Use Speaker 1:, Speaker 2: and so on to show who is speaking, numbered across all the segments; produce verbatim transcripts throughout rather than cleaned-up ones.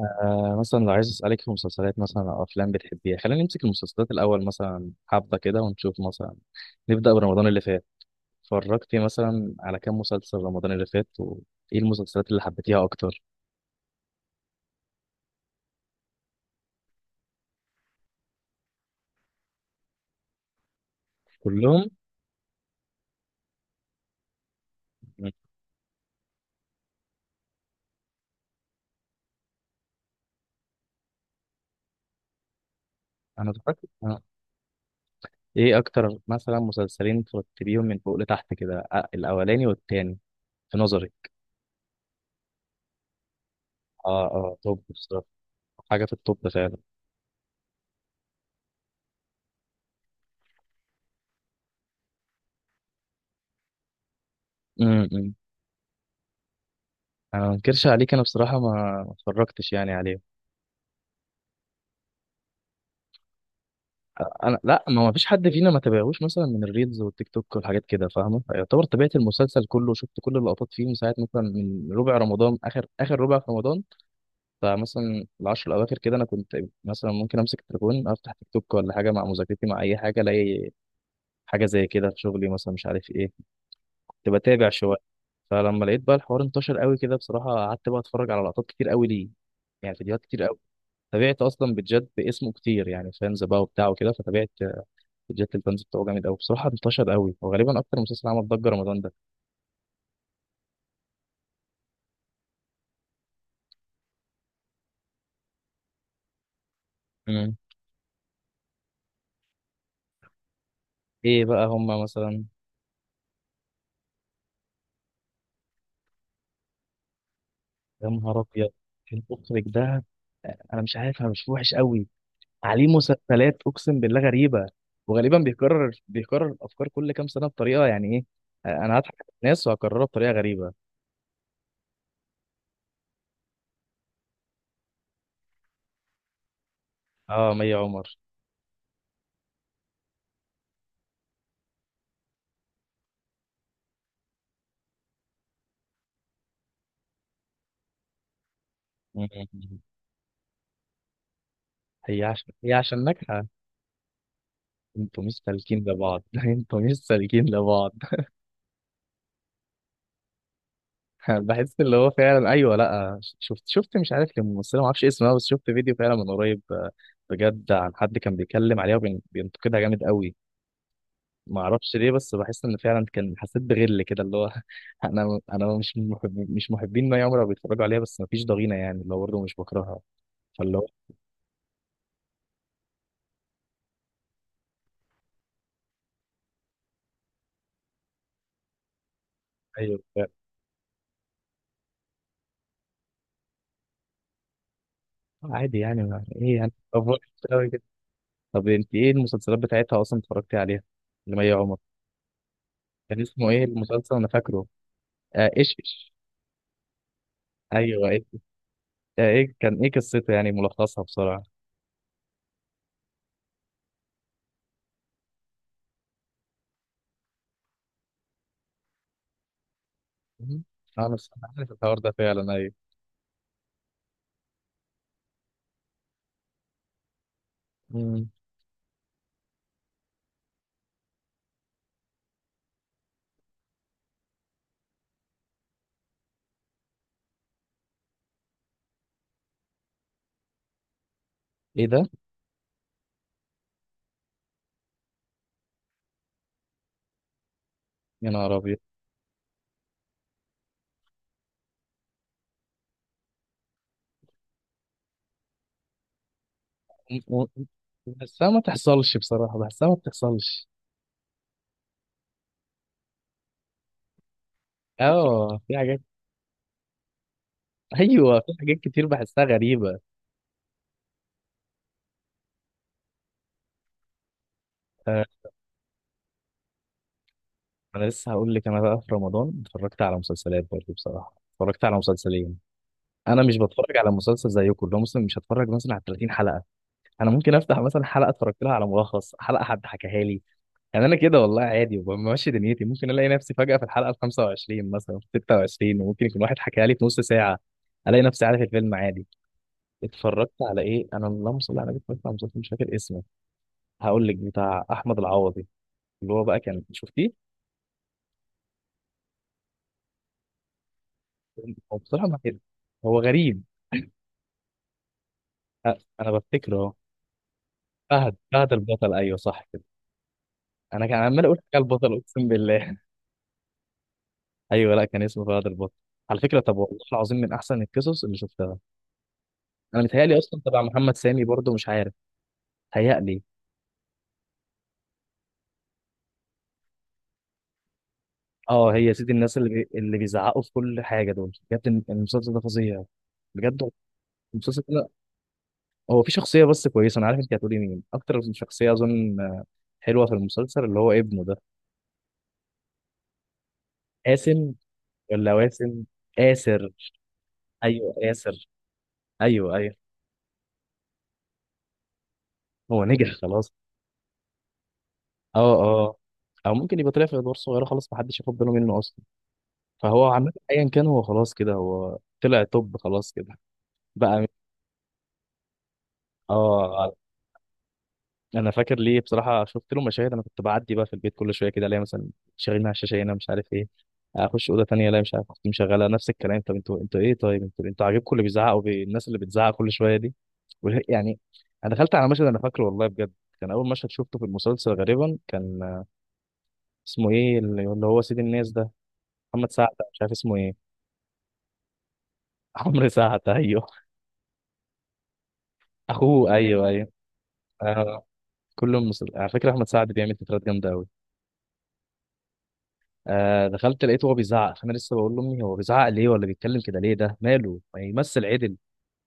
Speaker 1: آه، مثلا لو عايز أسألك في مسلسلات مثلا أو أفلام بتحبيها، خلينا نمسك المسلسلات الأول مثلا حبة كده ونشوف مثلا. نبدأ برمضان اللي فات. اتفرجتي مثلا على كام مسلسل رمضان اللي فات؟ وإيه المسلسلات اللي حبيتيها أكتر؟ كلهم؟ مم. أنا اتفرجت. أنا- إيه أكتر مثلا مسلسلين ترتبيهم من فوق لتحت كده؟ آه، الأولاني والتاني في نظري. آه آه، توب بصراحة. حاجة في التوب فعلا. امم. أنا ما أنكرش عليك، أنا بصراحة ما ما اتفرجتش يعني عليهم. انا، لا، ما هو فيش حد فينا ما تابعهوش مثلا من الريلز والتيك توك والحاجات كده، فاهمه، يعتبر تابعت المسلسل كله، شفت كل اللقطات فيه من ساعه مثلا، من ربع رمضان، اخر اخر ربع في رمضان. فمثلا العشر الاواخر كده انا كنت، مثلا ممكن امسك التليفون، افتح تيك توك ولا حاجه مع مذاكرتي، مع اي حاجه الاقي حاجه زي كده في شغلي، مثلا مش عارف ايه، كنت بتابع شويه. فلما لقيت بقى الحوار انتشر قوي كده بصراحه، قعدت بقى اتفرج على لقطات كتير قوي، ليه، يعني فيديوهات كتير قوي. تابعت اصلا بجد باسمه كتير، يعني فانز بقى وبتاع وكده، فتابعت. جاك البنز بتاعه جامد قوي بصراحه، انتشر قوي، وغالبا اكتر مسلسل عمل ضجه رمضان ده. امم. ايه بقى هما مثلا؟ يا نهار ابيض. المخرج ده، انا مش عارف، انا مش وحش قوي، عليه مسلسلات اقسم بالله غريبه. وغالبا بيكرر بيكرر الافكار كل كام سنه بطريقه، يعني ايه، آه، انا هضحك على الناس وهكررها بطريقه غريبه. اه، مي عمر. أمم. هي عشان، هي عشان ناجحه. انتوا مش سالكين لبعض انتوا مش سالكين لبعض. بحس اللي هو فعلا ايوه، لا، شفت شفت مش عارف، كان ممثله ما اعرفش اسمها، بس شفت فيديو فعلا من قريب آه، بجد، عن حد كان بيتكلم عليها وبينتقدها جامد قوي، ما اعرفش ليه. بس بحس ان فعلا كان، حسيت بغل كده اللي هو انا انا مش محب مش محبين ما عمر بيتفرجوا عليها، بس ما فيش ضغينه يعني، اللي هو برضه مش بكرهها. فاللي هو، ايوه فعلا. عادي يعني، ما ايه يعني، أفور أوي كده. طب انت ايه المسلسلات بتاعتها اصلا اتفرجتي عليها، لمي عمر؟ كان اسمه ايه المسلسل؟ انا فاكره. آه، ايش ايش. ايوه. يعني ايه، كان ايه قصته يعني، ملخصها بسرعة. مم. انا مش، أنا عارف الحوار ده فعلا، ايوه. مم. ايه ده. يا نهار ابيض. م- م- بحسها ما تحصلش بصراحة، بحسها ما بتحصلش. اه في حاجات. ايوه، في حاجات كتير بحسها غريبة. آه، انا لسه هقول لك، انا بقى في رمضان اتفرجت على مسلسلات برضه، بصراحة اتفرجت على مسلسلين. انا مش بتفرج على مسلسل زيكم، لو مسلم مش هتفرج مثلا على ثلاثين حلقة. انا ممكن افتح مثلا حلقة، اتفرجت لها على ملخص حلقة حد حكاها لي، يعني انا كده والله عادي وبمشي دنيتي، ممكن الاقي نفسي فجأة في الحلقة ال خمسة وعشرين مثلا، في ستة وعشرين، وممكن يكون واحد حكى لي في نص ساعة، الاقي نفسي عارف الفيلم عادي. اتفرجت على ايه انا؟ اللهم صل على النبي. اتفرجت على مسلسل مش فاكر اسمه، هقول لك، بتاع احمد العوضي، اللي هو بقى، كان شفتيه؟ هو بصراحة ما كده، هو غريب. أ- انا بفتكره أهو. فهد فهد البطل، ايوه صح كده. انا كان عمال اقول حكى البطل، اقسم بالله. ايوه، لا كان اسمه فهد البطل، على فكرة. طب والله العظيم من احسن القصص اللي شفتها. انا متهيألي اصلا تبع محمد سامي برضه، مش عارف، هيألي. اه، هي سيدي الناس، اللي بي... اللي بيزعقوا في كل حاجه دول، بجد الم- المسلسل ده فظيع. بجد المسلسل ده. هو في شخصيه بس كويسه، انا عارف انت هتقولي مين، اكتر شخصيه اظن حلوه في المسلسل، اللي هو ابنه ده، قاسم ولا واسم، آسر. ايوه آسر. ايوه ايوه. هو نجح خلاص، اه اه. او ممكن يبقى طلع في ادوار صغيره خلاص محدش ياخد باله منه اصلا، فهو عامه ايا كان، هو خلاص كده، هو طلع توب خلاص كده بقى، اه. انا فاكر ليه بصراحه، شفت له مشاهد، انا كنت بعدي بقى في البيت كل شويه كده، الاقي مثلا شغالين على الشاشه هنا مش عارف ايه، اخش اوضه تانية الاقي مش عارف، كنت مشغله نفس الكلام. طب انتوا انتوا ايه، طيب انتوا انتوا عاجبكم اللي بيزعق والناس اللي بتزعق كل شويه دي؟ وال- يعني. انا دخلت على مشهد انا فاكره والله بجد، كان اول مشهد شفته في المسلسل غالبا، كان اسمه ايه، اللي اللي هو سيد الناس ده، محمد سعد، مش عارف اسمه ايه. عمرو سعد، ايوه. اخوه، ايوه ايوه. آه. كل المسل... على فكره احمد سعد بيعمل تترات جامده قوي. آه، دخلت لقيته هو بيزعق، فانا لسه بقول لامي هو بيزعق ليه، ولا بيتكلم كده ليه، ده ماله ما يمثل عدل؟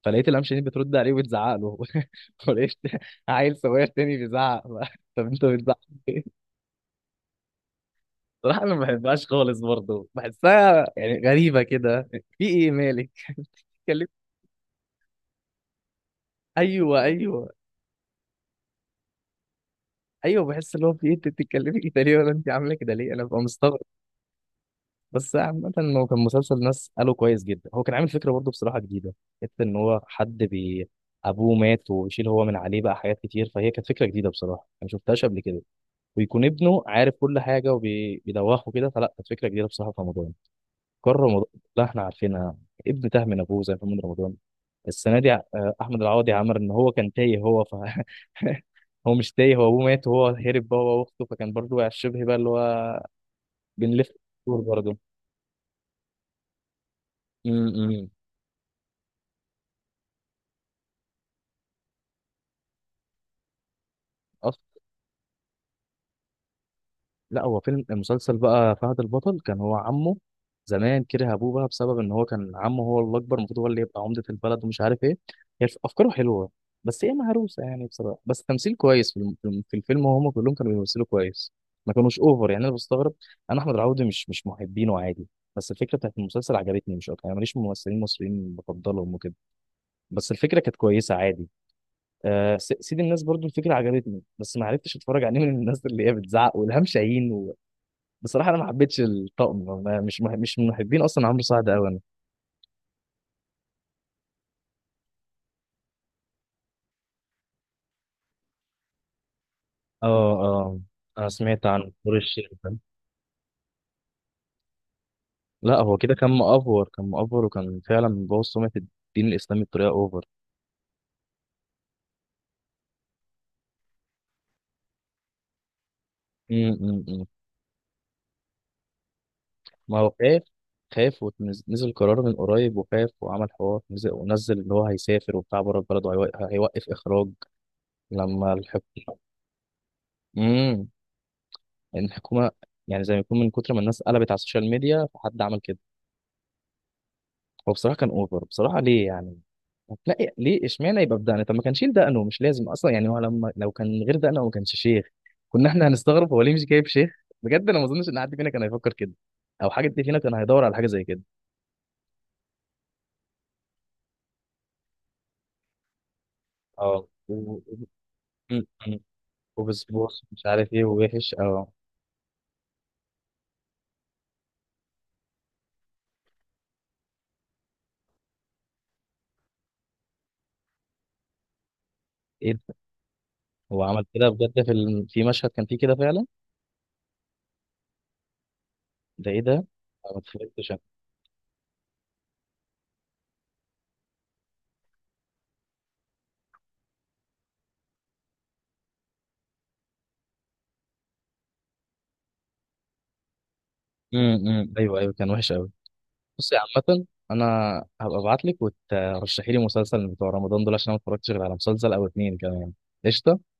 Speaker 1: فلقيت الامشني بترد عليه وبتزعق له ولقيت عيل صغير تاني بيزعق طب انت بتزعق ليه؟ صراحه انا ما بحبهاش خالص برضه، بحسها يعني غريبه كده، في ايه مالك، اتكلم. ايوه ايوه ايوه بحس اللي هو في ايه، انت بتتكلمي كده ليه، ولا انت عامله كده ليه؟ انا ببقى مستغرب. بس عامة، هو كان مسلسل، ناس قالوا كويس جدا. هو كان عامل فكرة برضه بصراحة جديدة، حتة إن هو حد بي، أبوه مات ويشيل هو من عليه بقى حاجات كتير، فهي كانت فكرة جديدة بصراحة، أنا ما شفتهاش قبل كده. ويكون ابنه عارف كل حاجة وبيدوخه كده، فلا كانت فكرة جديدة بصراحة في رمضان. قرر رمضان، لا، إحنا عارفينها. ابن تاه من أبوه، زي محمد رمضان السنة دي، آه، أحمد العوضي عمل إن هو كان تايه، هو ف هو مش تايه، هو أبوه مات وهو هرب بقى هو وأخته، فكان برضه شبه بقى، اللي هو بنلف دور برضه، امم. لا، هو فيلم المسلسل بقى فهد البطل، كان هو عمه زمان كره ابوه بقى، بسبب ان هو كان عمه، هو الاكبر المفروض هو اللي يبقى عمده البلد ومش عارف ايه. هي الف- افكاره حلوه، بس هي مهروسه يعني بصراحه، بس تمثيل كويس في الم- في الم- في الفيلم، وهم كلهم كانوا بيمثلوا كويس، ما كانوش اوفر يعني انا بستغرب. انا احمد العوضي مش مش محبينه عادي، بس الفكره بتاعت المسلسل عجبتني مش اكتر، انا ماليش ممثلين مصريين بفضلهم وكده، بس الفكره كانت كويسه عادي. آه، س- سيد الناس برضو الفكره عجبتني، بس ما عرفتش اتفرج عليه من الناس اللي هي بتزعق والهام شاهين. بصراحه انا ما حبيتش الطقم، ما- مش مح... مش من محبين اصلا عمرو سعد قوي انا، اه اه. انا سمعت عن نور الشريف ده. لا هو كده كان مأفور، كان مأفور، وكان فعلا مبوظ سمعة الدين الإسلامي بطريقة أوفر. أمم، أمم، أمم. ما هو خايف، خايف ونزل قرار من قريب وخاف وعمل حوار، نزل ونزل إن هو هيسافر وبتاع بره البلد وهيوقف إخراج لما الحكومة. امم. الحكومة، يعني زي ما يكون من كتر ما الناس قلبت على السوشيال ميديا فحد عمل كده. هو بصراحه كان اوفر بصراحه، ليه يعني؟ هتلاقي ليه اشمعنى يبقى بدقنه؟ طب ما كان شيل دقنه، مش لازم اصلا يعني، هو لما لو كان من غير دقنه، هو ما كانش شيخ، كنا احنا هنستغرب هو ليه مش جايب شيخ. بجد انا ما اظنش ان حد فينا كان هيفكر كده، او حد فينا كان هيدور على حاجه زي كده. اه، و- م- م. وبسبوس مش عارف ايه، ووحش اه. ايه ده، هو عمل كده بجد؟ في الم... في مشهد كان فيه كده فعلا. ده ايه ده، أنا ما اتفرجتش أنا. م- م. ايوه ايوه كان وحش قوي. بصي عامة، أنا هبقى أبعتلك وترشحي لي مسلسل من بتوع رمضان دول، عشان أنا ما اتفرجتش غير على مسلسل أو اتنين كمان. قشطة.